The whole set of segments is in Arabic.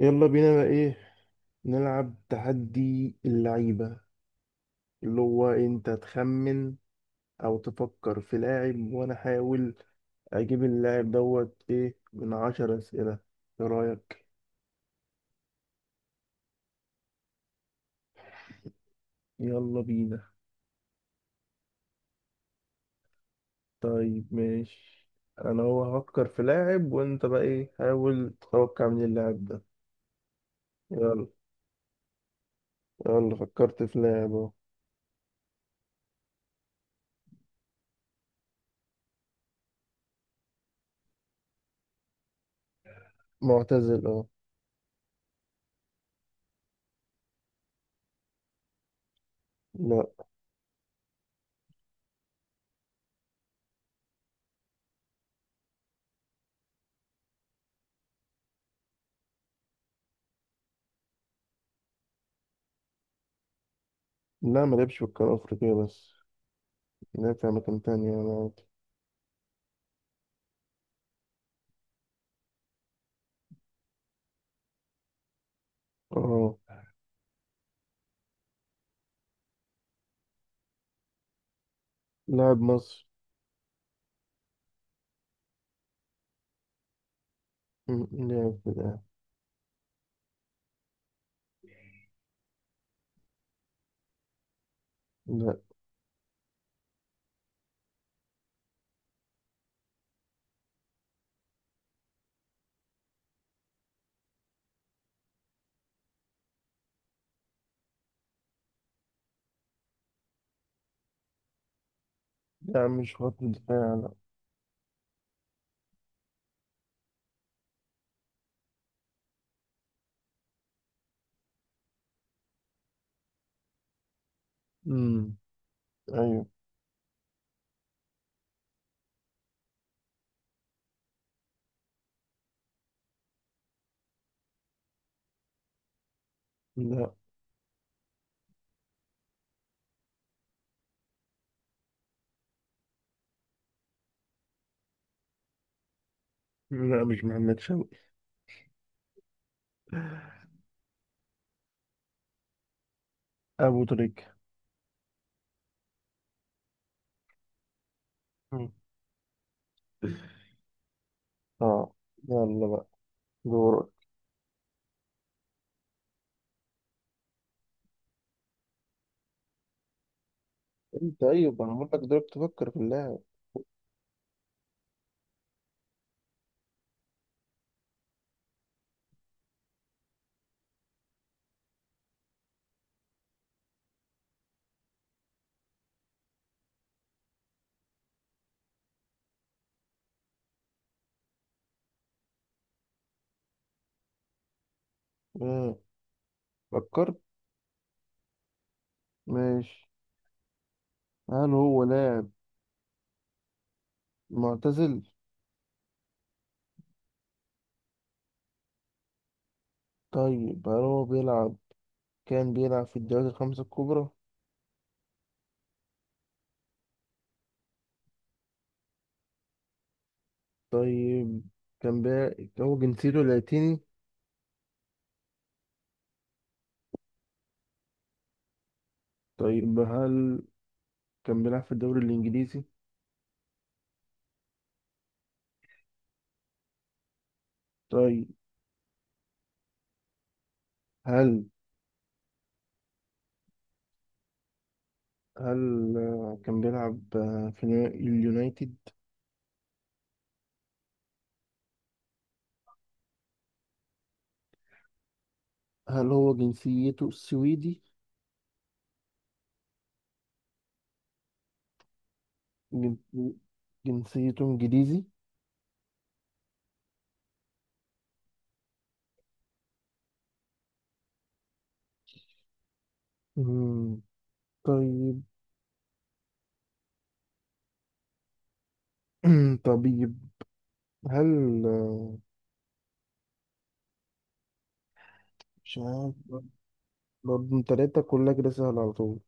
يلا بينا بقى، ايه؟ نلعب تحدي اللعيبة، اللي هو انت تخمن او تفكر في لاعب وانا احاول اجيب اللاعب دوت ايه من 10 اسئلة. ايه رأيك؟ يلا بينا. طيب ماشي. انا هفكر في لاعب وانت بقى ايه، حاول تتوقع من اللاعب ده. يلا، يلا فكرت في لاعب اهو. معتزل، اه. لا، لا ما لعبش في القارة الافريقية بس، لعب في اماكن تانية يعني عادي. اه، لاعب مصري. مم. لا كده. لا، لا مش خط دفاع، لا. مم. أيوه. لا، لا مش محمد شوقي. أبو تريكة. مم. اه، يلا بقى دورك. طيب، انا هقول لك دورك تفكر في اللاعب. مم. فكرت. ماشي، هل هو لاعب معتزل؟ طيب، هل هو بيلعب كان بيلعب في الدوري الخمسة الكبرى؟ طيب، هو جنسيته لاتيني؟ طيب، هل كان بيلعب في الدوري الإنجليزي؟ طيب، هل هل كان بيلعب في اليونايتد؟ هل هو جنسيته سويدي؟ جن- جنسيته انجليزي؟ مم، طيب. طبيب. هل آه، مش عارف. برضه انت لقيتها كلها كده سهلة على طول.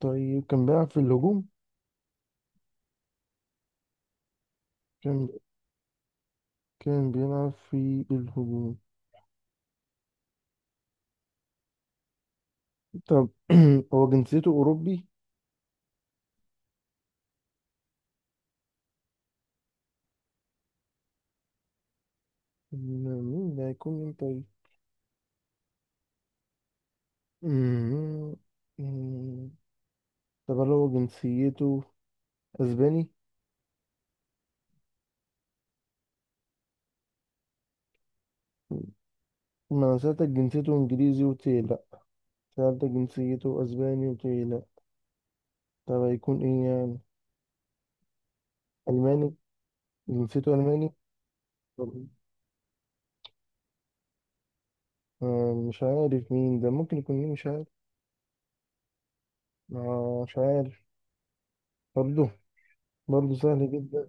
طيب، كان بيلعب في الهجوم؟ كان كان بيلعب في الهجوم. طب، هو جنسيته أوروبي؟ مين ده، هيكون مين طيب؟ مم، مم. طب، هل هو جنسيته أسباني؟ ما أنا سألتك جنسيته إنجليزي، قلت لي لأ. سألتك جنسيته أسباني، قلت لي لأ. طب هيكون إيه يعني؟ ألماني؟ جنسيته ألماني؟ طب، مش عارف مين ده، ممكن يكون مين؟ مش عارف. مش عارف. برضه برضه سهل جدا.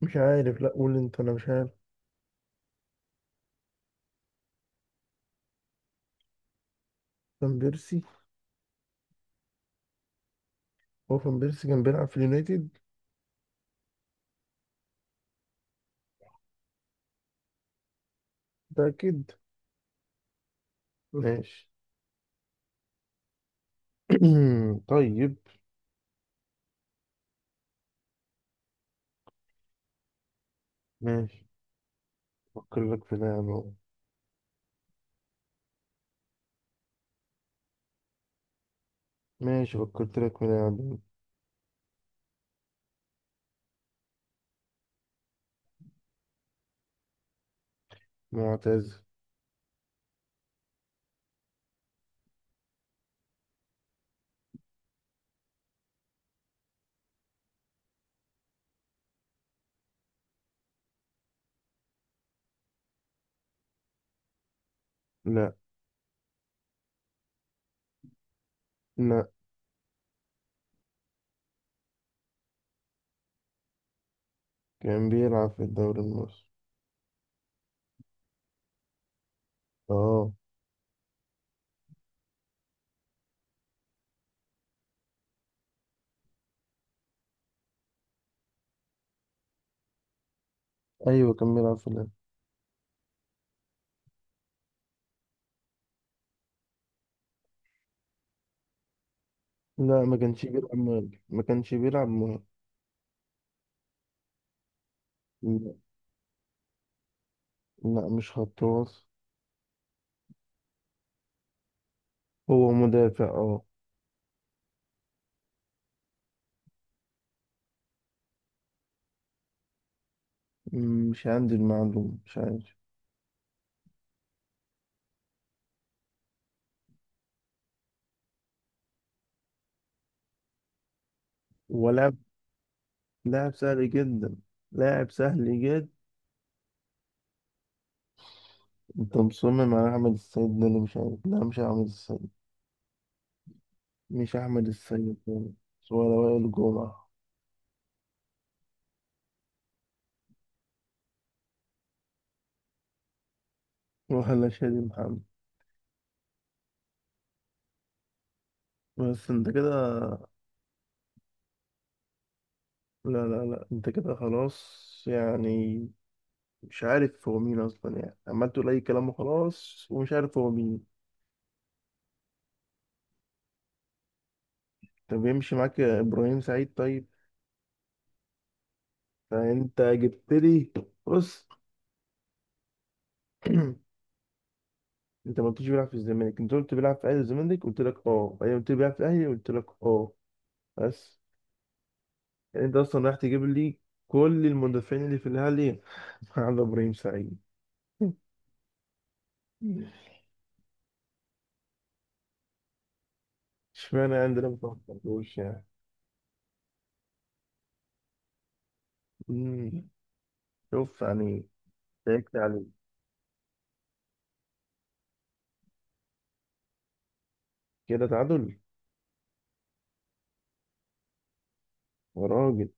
مش عارف، لأ قول أنت، أنا مش عارف. فان بيرسي؟ هو فان بيرسي كان بيلعب في اليونايتد؟ متأكد؟ ماشي. طيب. ماشي. فكر لك في لاعب أهو. ماشي، فكرت لك في لاعب. معتز لأ. لأ. كان بيلعب في الدوري المصري. اه. ايوه كان بيلعب في الاهلي. لا، ما كانش بيلعب مهاجم، ما كانش بيلعب مهاجم. لا. لا، مش خط وسط. هو مدافع، اه. مش عندي المعلومة، مش عارف. ولاعب لاعب سهل جدا. لاعب سهل جدا. انت مصمم على احمد السيد ده، اللي مش عارف، لا مش احمد السيد. مش احمد السيد خالص، ولا وائل جمعة، ولا شادي محمد. بس انت كده. لا، لا، لا، انت كده خلاص يعني. مش عارف هو مين اصلا، يعني عمال تقول اي كلام وخلاص، ومش عارف هو مين. طب يمشي معاك يا ابراهيم سعيد، طيب. فانت جبت لي. بص. انت ما قلتش بيلعب في الزمالك، انت قلت بيلعب في اهلي الزمالك، قلت لك اه، ايوه. قلت لي بيلعب في اهلي، قلت لك اه. بس. يعني انت اصلا رايح تجيب لي كل المدافعين اللي في الاهلي على ابراهيم سعيد. اشمعنى عندنا، ما توقعتوش يعني؟ مم. شوف يعني. ضحكت عليه. كده تعادل. يا راجل.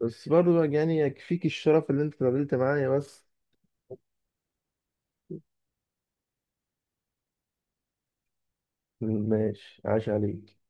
بس برضه بقى يعني، يكفيك الشرف اللي انت اتقابلت معايا بس. ماشي، عاش عليك.